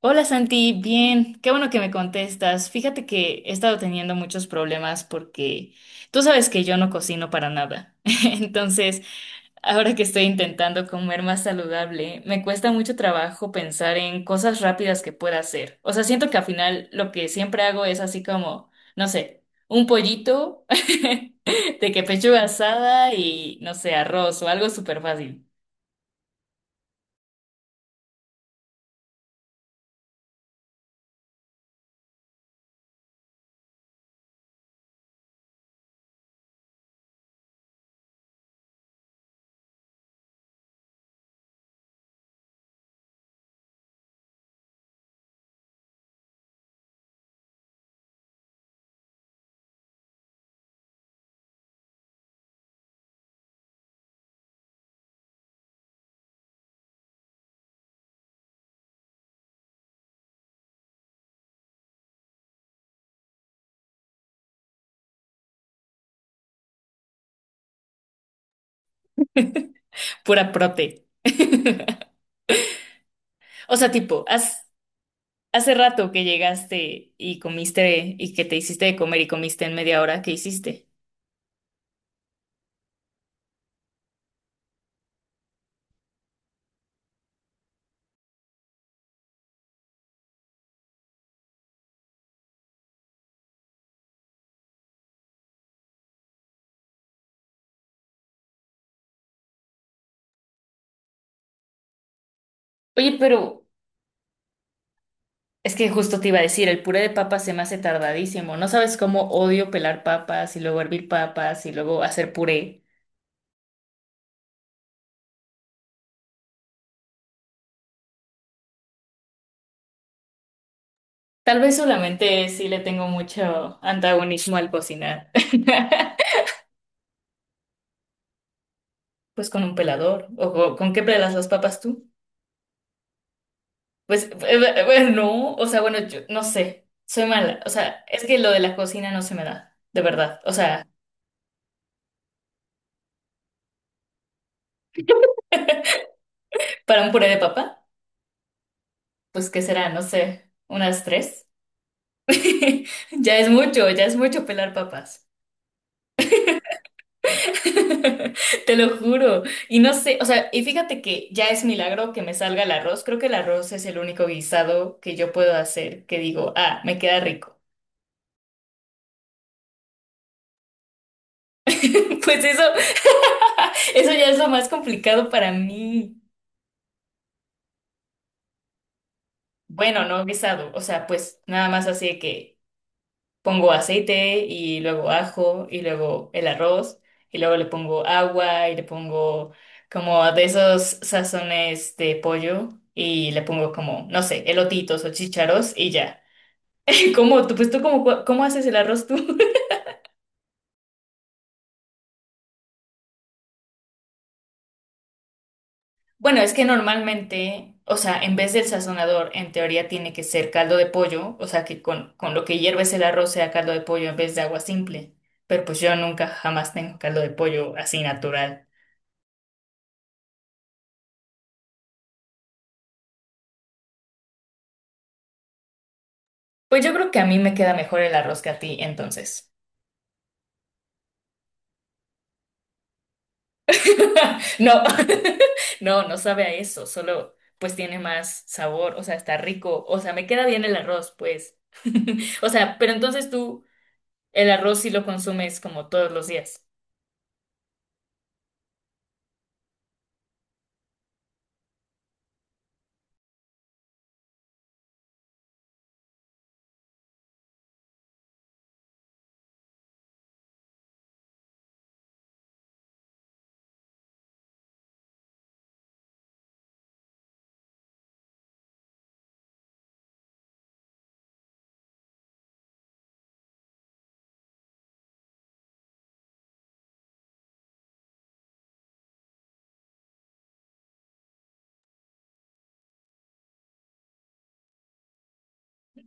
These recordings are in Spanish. Hola Santi, bien, qué bueno que me contestas. Fíjate que he estado teniendo muchos problemas porque tú sabes que yo no cocino para nada. Entonces, ahora que estoy intentando comer más saludable, me cuesta mucho trabajo pensar en cosas rápidas que pueda hacer. O sea, siento que al final lo que siempre hago es así como, no sé, un pollito de que pechuga asada y, no sé, arroz o algo súper fácil, pura prote. O sea, tipo, hace rato que llegaste y comiste y que te hiciste de comer y comiste en media hora, ¿qué hiciste? Oye, pero es que justo te iba a decir, el puré de papas se me hace tardadísimo. No sabes cómo odio pelar papas y luego hervir papas y luego hacer puré. Tal vez solamente sí le tengo mucho antagonismo al cocinar. Pues con un pelador. ¿O con qué pelas las papas tú? Pues, bueno, no. O sea, bueno, yo no sé. Soy mala. O sea, es que lo de la cocina no se me da, de verdad. O sea, para un puré de papa. Pues qué será, no sé, unas tres. Ya es mucho pelar papas. Te lo juro. Y no sé, o sea, y fíjate que ya es milagro que me salga el arroz. Creo que el arroz es el único guisado que yo puedo hacer que digo, ah, me queda rico. Pues eso, eso ya es lo más complicado para mí. Bueno, no guisado, o sea, pues nada más así de que pongo aceite y luego ajo y luego el arroz y luego le pongo agua y le pongo como de esos sazones de pollo y le pongo como, no sé, elotitos o chícharos y ya. ¿Cómo tú, pues tú cómo, cua- cómo haces el arroz tú? Bueno, es que normalmente, o sea, en vez del sazonador, en teoría tiene que ser caldo de pollo, o sea, que con lo que hierves el arroz sea caldo de pollo en vez de agua simple. Pero pues yo nunca jamás tengo caldo de pollo así natural. Pues yo creo que a mí me queda mejor el arroz que a ti, entonces. No, no, no sabe a eso, solo pues tiene más sabor, o sea, está rico, o sea, me queda bien el arroz, pues. O sea, pero entonces tú el arroz sí lo consumes como todos los días.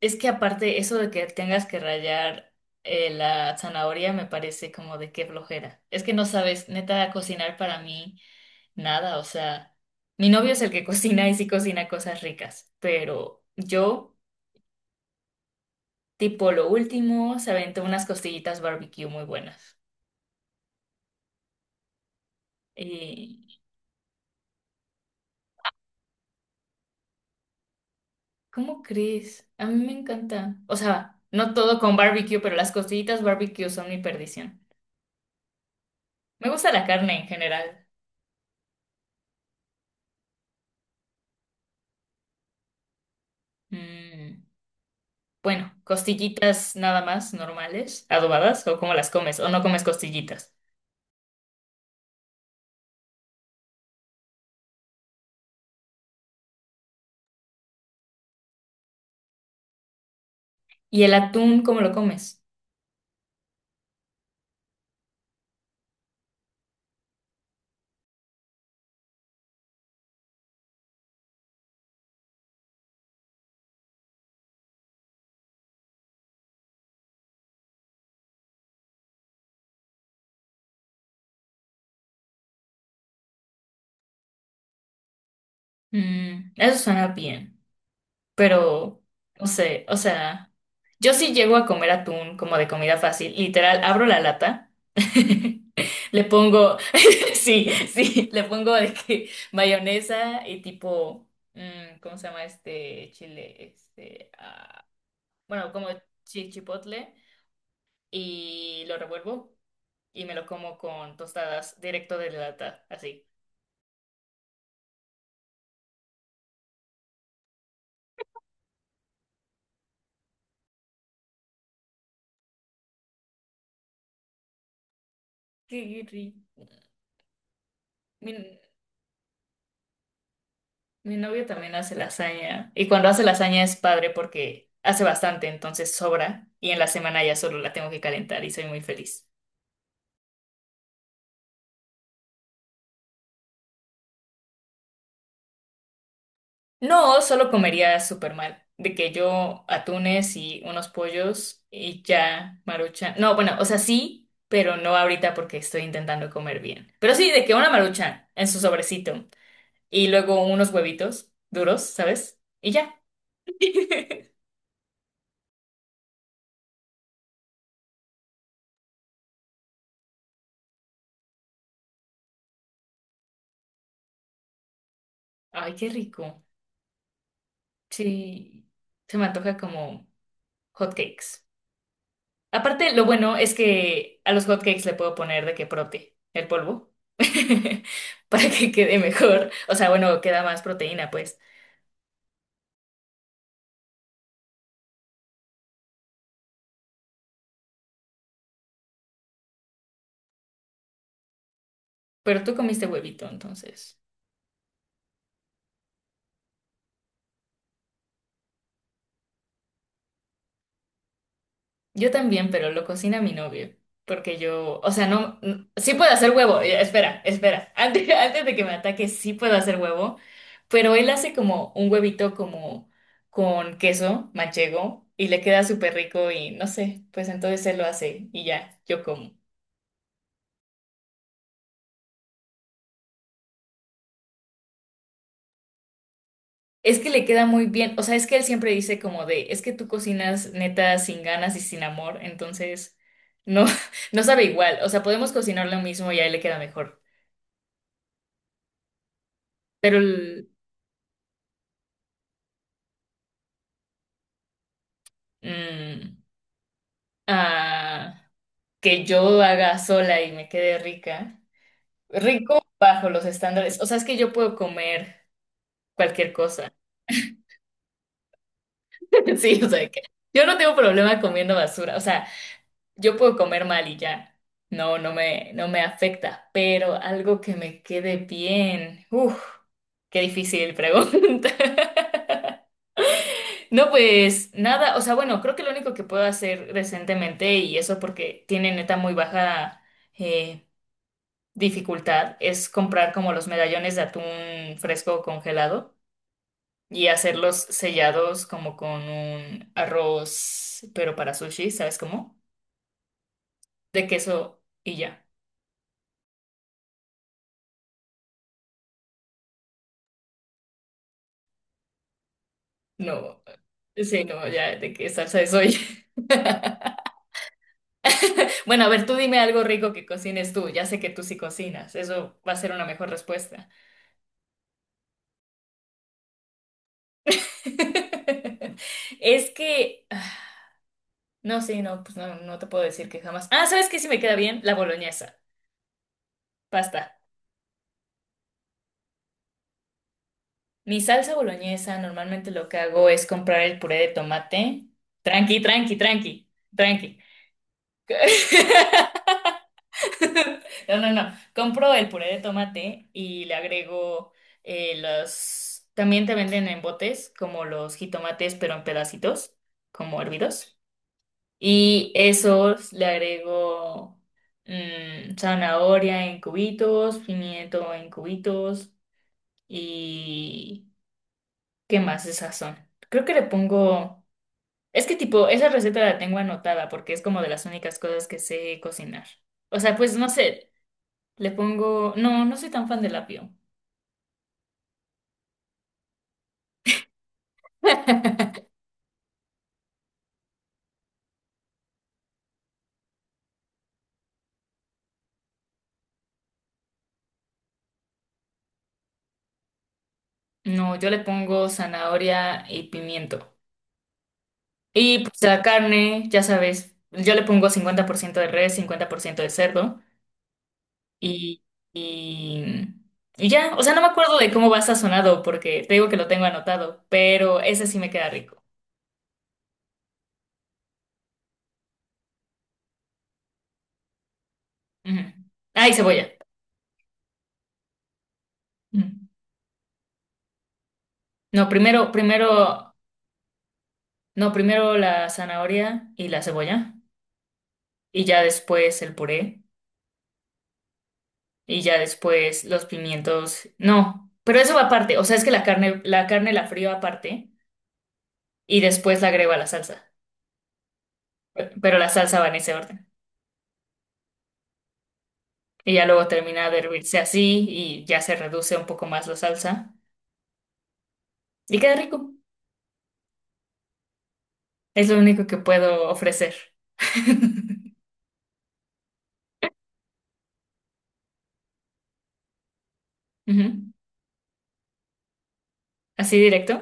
Es que aparte eso de que tengas que rallar la zanahoria me parece como de qué flojera. Es que no sabes, neta, cocinar para mí nada, o sea, mi novio es el que cocina y sí cocina cosas ricas, pero yo... Tipo lo último, se aventó unas costillitas barbecue muy buenas. Eh, ¿Cómo crees? A mí me encanta. O sea, no todo con barbecue, pero las costillitas barbecue son mi perdición. Me gusta la carne en general. Mm, bueno, costillitas nada más normales, adobadas, o cómo las comes, o no comes costillitas. ¿Y el atún, cómo lo comes? Mm, eso suena bien. Pero no sé, o sea, yo sí llego a comer atún como de comida fácil, literal, abro la lata, le pongo, sí, sí, le pongo de que mayonesa y tipo, ¿cómo se llama este chile? Este, ah, bueno, como chipotle y lo revuelvo y me lo como con tostadas directo de la lata, así. Qué rico. Mi novio también hace lasaña y cuando hace lasaña es padre porque hace bastante, entonces sobra y en la semana ya solo la tengo que calentar y soy muy feliz. No, solo comería súper mal, de que yo atunes y unos pollos y ya maruchan. No, bueno, o sea, sí, pero no ahorita porque estoy intentando comer bien. Pero sí, de que una maruchan en su sobrecito y luego unos huevitos duros, ¿sabes? Y ya. Ay, qué rico. Sí, se me antoja como hot cakes. Aparte, lo bueno es que a los hotcakes le puedo poner de que prote, el polvo, para que quede mejor. O sea, bueno, queda más proteína, pues. Pero tú comiste huevito, entonces. Yo también, pero lo cocina mi novio. Porque yo, o sea, no, sí puedo hacer huevo. Espera, espera. Antes de que me ataque, sí puedo hacer huevo. Pero él hace como un huevito como con queso manchego y le queda súper rico y no sé, pues entonces él lo hace y ya, yo como. Es que le queda muy bien, o sea, es que él siempre dice como de, es que tú cocinas neta sin ganas y sin amor, entonces no, no sabe igual, o sea, podemos cocinar lo mismo y a él le queda mejor, pero el, mm, ah, que yo haga sola y me quede rica, rico bajo los estándares, o sea, es que yo puedo comer cualquier cosa, sí, o sea, que yo no tengo problema comiendo basura, o sea. Yo puedo comer mal y ya. No, no me afecta, pero algo que me quede bien. Uf, qué difícil pregunta. No, pues nada, o sea, bueno, creo que lo único que puedo hacer recientemente, y eso porque tiene neta muy baja eh, dificultad, es comprar como los medallones de atún fresco congelado y hacerlos sellados como con un arroz, pero para sushi, ¿sabes cómo? De queso y ya. No, sí, no, ya de qué salsa soy. Bueno, a ver, tú dime algo rico que cocines tú. Ya sé que tú sí cocinas. Eso va a ser una mejor respuesta. Es que, ah, no, sí, no, pues no, no te puedo decir que jamás. Ah, ¿sabes qué sí me queda bien? La boloñesa. Pasta. Mi salsa boloñesa, normalmente lo que hago es comprar el puré de tomate. Tranqui, tranqui, tranqui, tranqui. No, no, no. Compro el puré de tomate y le agrego los... También te venden en botes como los jitomates, pero en pedacitos, como hervidos. Y esos le agrego zanahoria en cubitos, pimiento en cubitos y... ¿Qué más de sazón? Creo que le pongo... Es que tipo, esa receta la tengo anotada porque es como de las únicas cosas que sé cocinar. O sea, pues no sé, le pongo, no, no soy tan fan del apio. No, yo le pongo zanahoria y pimiento. Y pues la carne, ya sabes, yo le pongo 50% de res, 50% de cerdo y, y, y ya, o sea, no me acuerdo de cómo va sazonado porque te digo que lo tengo anotado, pero ese sí me queda rico. Ujú. Ah, y cebolla. Ujú. No, primero, primero, no, primero la zanahoria y la cebolla y ya después el puré. Y ya después los pimientos, no, pero eso va aparte, o sea, es que la carne, la carne la frío aparte y después la agrego a la salsa, pero la salsa va en ese orden. Y ya luego termina de hervirse así y ya se reduce un poco más la salsa y queda rico. Es lo único que puedo ofrecer. Ujú. Así directo.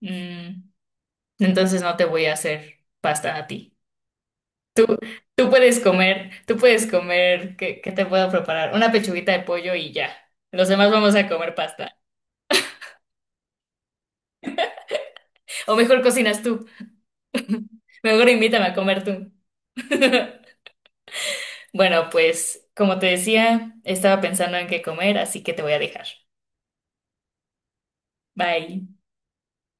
Mm, entonces no te voy a hacer pasta a ti. Tú, tú puedes comer, ¿qué, qué te puedo preparar? Una pechuguita de pollo y ya. Los demás vamos a comer pasta. O mejor cocinas tú. Mejor invítame a comer tú. Bueno, pues como te decía, estaba pensando en qué comer, así que te voy a dejar. Bye.